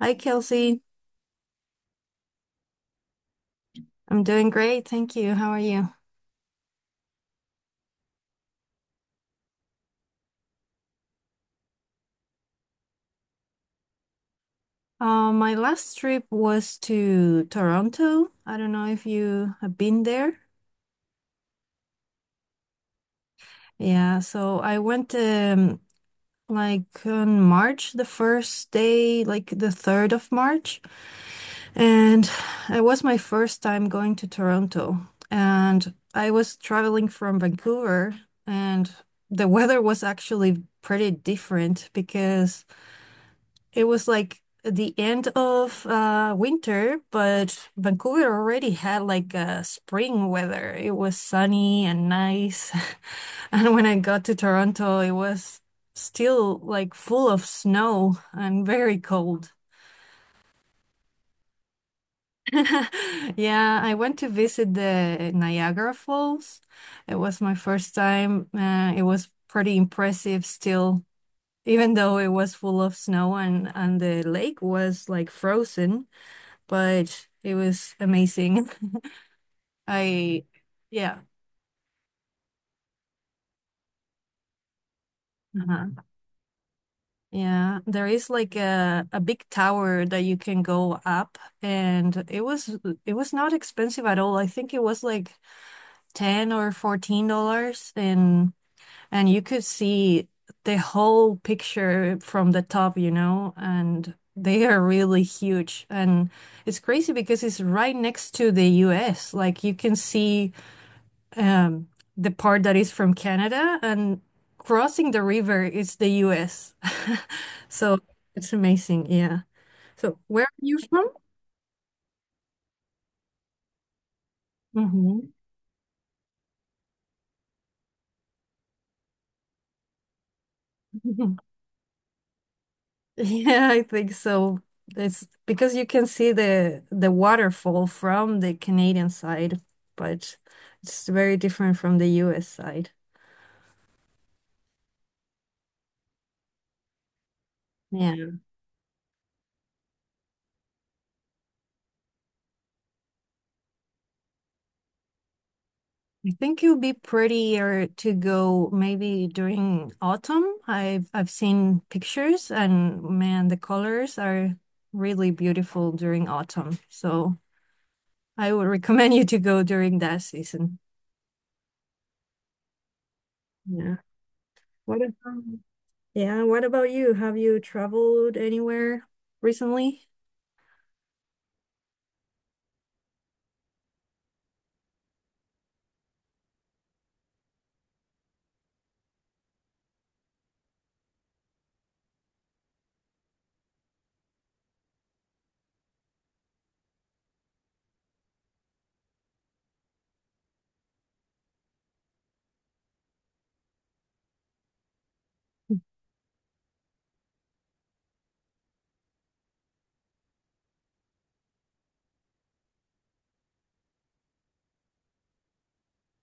Hi, Kelsey. I'm doing great. Thank you. How are you? My last trip was to Toronto. I don't know if you have been there. Yeah, so I went like on March, the first day, like the 3rd of March. And it was my first time going to Toronto. And I was traveling from Vancouver, and the weather was actually pretty different because it was like the end of winter, but Vancouver already had like a spring weather. It was sunny and nice. And when I got to Toronto, it was still like full of snow and very cold. Yeah, I went to visit the Niagara Falls. It was my first time. It was pretty impressive still, even though it was full of snow and the lake was like frozen, but it was amazing. I, yeah. Uh-huh. Yeah, there is like a big tower that you can go up and it was not expensive at all. I think it was like 10 or $14 and you could see the whole picture from the top, you know, and they are really huge and it's crazy because it's right next to the US. Like you can see um, the part that is from Canada, and crossing the river is the US. So it's amazing. Yeah. So where are you from? Hmm. Yeah, I think so. It's because you can see the waterfall from the Canadian side, but it's very different from the US side. Yeah. I think it would be prettier to go maybe during autumn. I've seen pictures and man, the colors are really beautiful during autumn. So I would recommend you to go during that season. Yeah. What about, yeah, what about you? Have you traveled anywhere recently?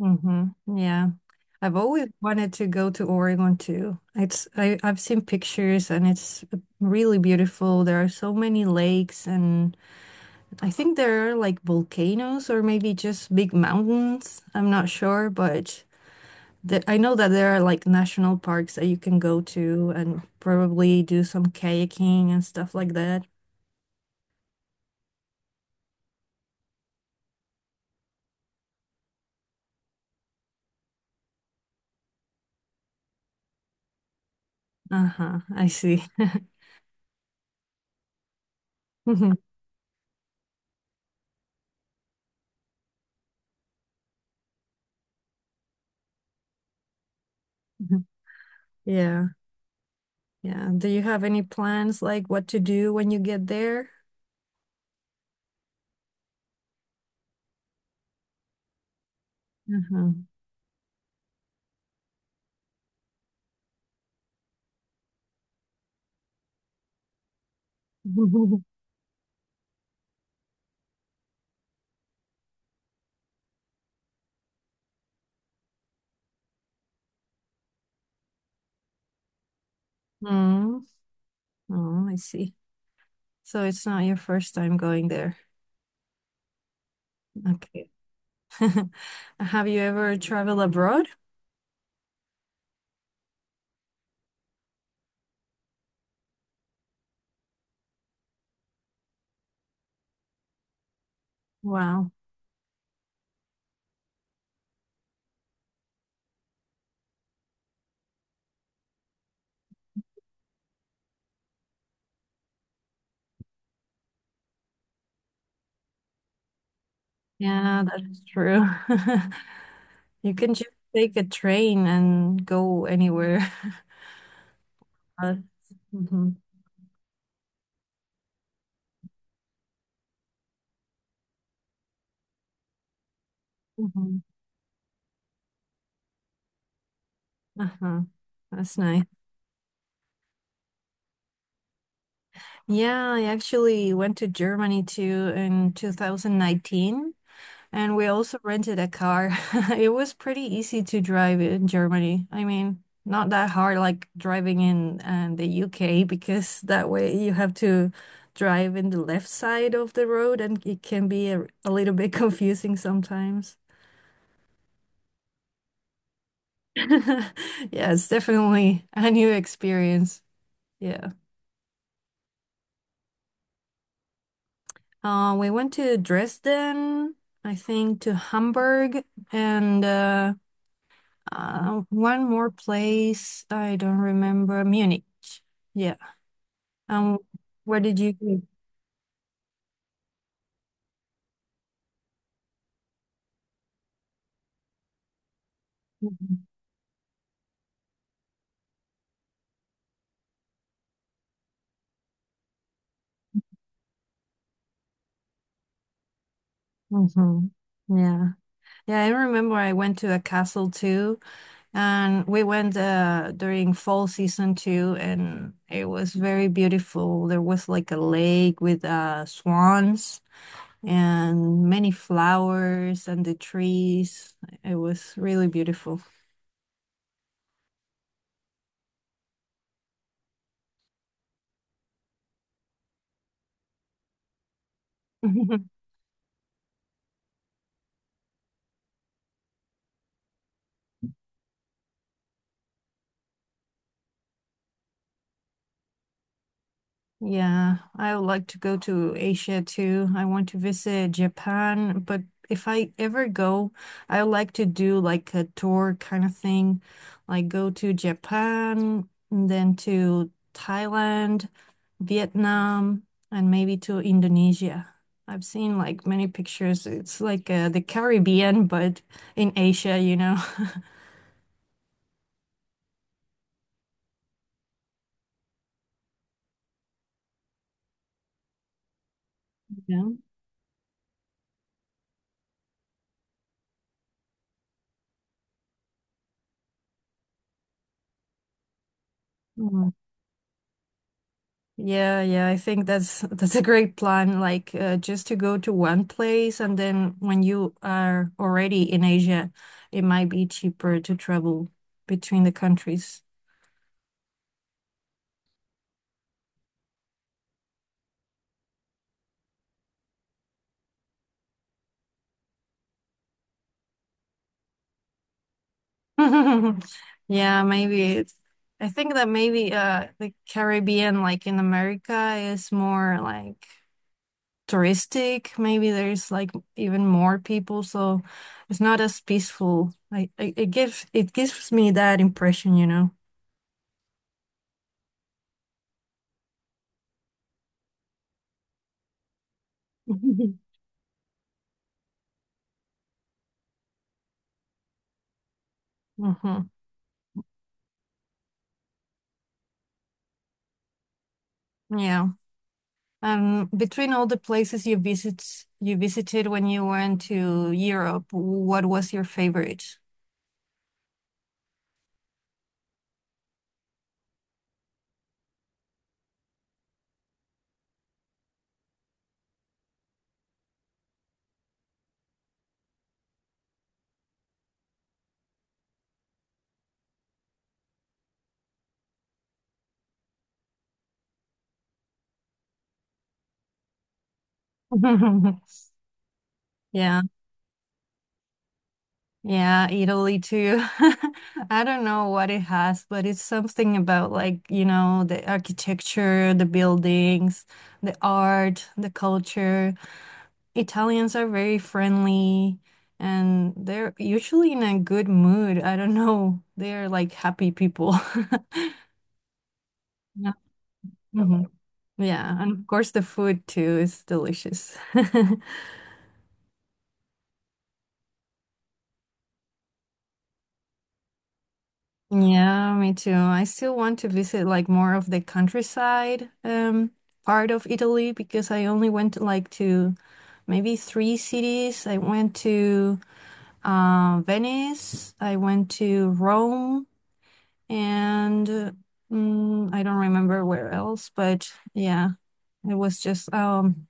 Mm-hmm. Yeah. I've always wanted to go to Oregon too. It's I, I've seen pictures and it's really beautiful. There are so many lakes and I think there are like volcanoes or maybe just big mountains. I'm not sure, but the, I know that there are like national parks that you can go to and probably do some kayaking and stuff like that. Uh-huh, I see. Mhm, mhm. Yeah, yeah. Do you have any plans like what to do when you get there? Uh-huh. Mm, oh, I see. So it's not your first time going there. Okay. Have you ever traveled abroad? Wow. Yeah, that's true. You can just take a train and go anywhere. Mm-hmm. Hmm. Uh-huh. That's nice. Yeah, I actually went to Germany too in 2019. And we also rented a car. It was pretty easy to drive in Germany. I mean, not that hard like driving in the UK because that way you have to drive in the left side of the road and it can be a little bit confusing sometimes. Yeah, it's definitely a new experience. Yeah. We went to Dresden, I think to Hamburg and one more place. I don't remember. Munich. Yeah. Um, where did you go? Mm-hmm. Mm-hmm. Yeah. Yeah, I remember I went to a castle too, and we went during fall season too, and it was very beautiful. There was like a lake with swans and many flowers and the trees. It was really beautiful. Yeah, I would like to go to Asia too. I want to visit Japan, but if I ever go, I would like to do like a tour kind of thing, like go to Japan, and then to Thailand, Vietnam, and maybe to Indonesia. I've seen like many pictures. It's like the Caribbean, but in Asia, you know. Yeah. Yeah, yeah, I think that's that's a great plan. Like just to go to one place and then when you are already in Asia, it might be cheaper to travel between the countries. Yeah, maybe it's, I think that maybe the Caribbean like in America is more like touristic. Maybe there's like even more people, so it's not as peaceful. Like it, it gives me that impression, you know. Hmm. Yeah. Between all the places you visited when you went to Europe, what was your favorite? Yeah, yeah, Italy too. I don't know what it has, but it's something about like, you know, the architecture, the buildings, the art, the culture. Italians are very friendly and they're usually in a good mood. I don't know. They're like happy people. Yeah. Mhm. Yeah, and of course the food too is delicious. Yeah, me too. I still want to visit like more of the countryside part of Italy because I only went like to maybe 3 cities. I went to Venice, I went to Rome, and I don't remember where else, but yeah, it was just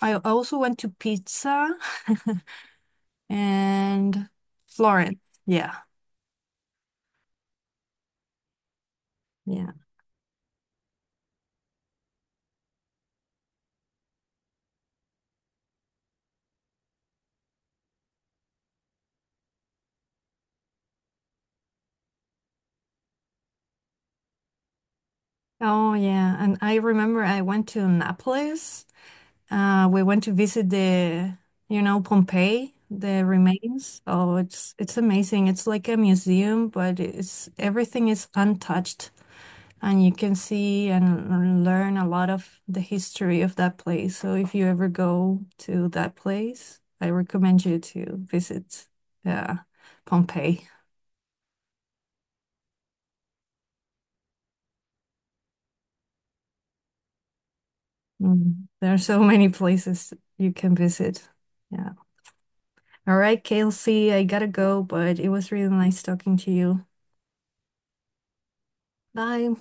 I also went to Pizza and Florence. Yeah. Yeah. Oh yeah, and I remember I went to Naples. We went to visit the you know Pompeii, the remains. Oh, it's amazing. It's like a museum, but it's everything is untouched, and you can see and learn a lot of the history of that place. So if you ever go to that place, I recommend you to visit uh, Pompeii. Mm, there are so many places you can visit. Yeah. All right, Kelsey, I gotta go, but it was really nice talking to you. Bye.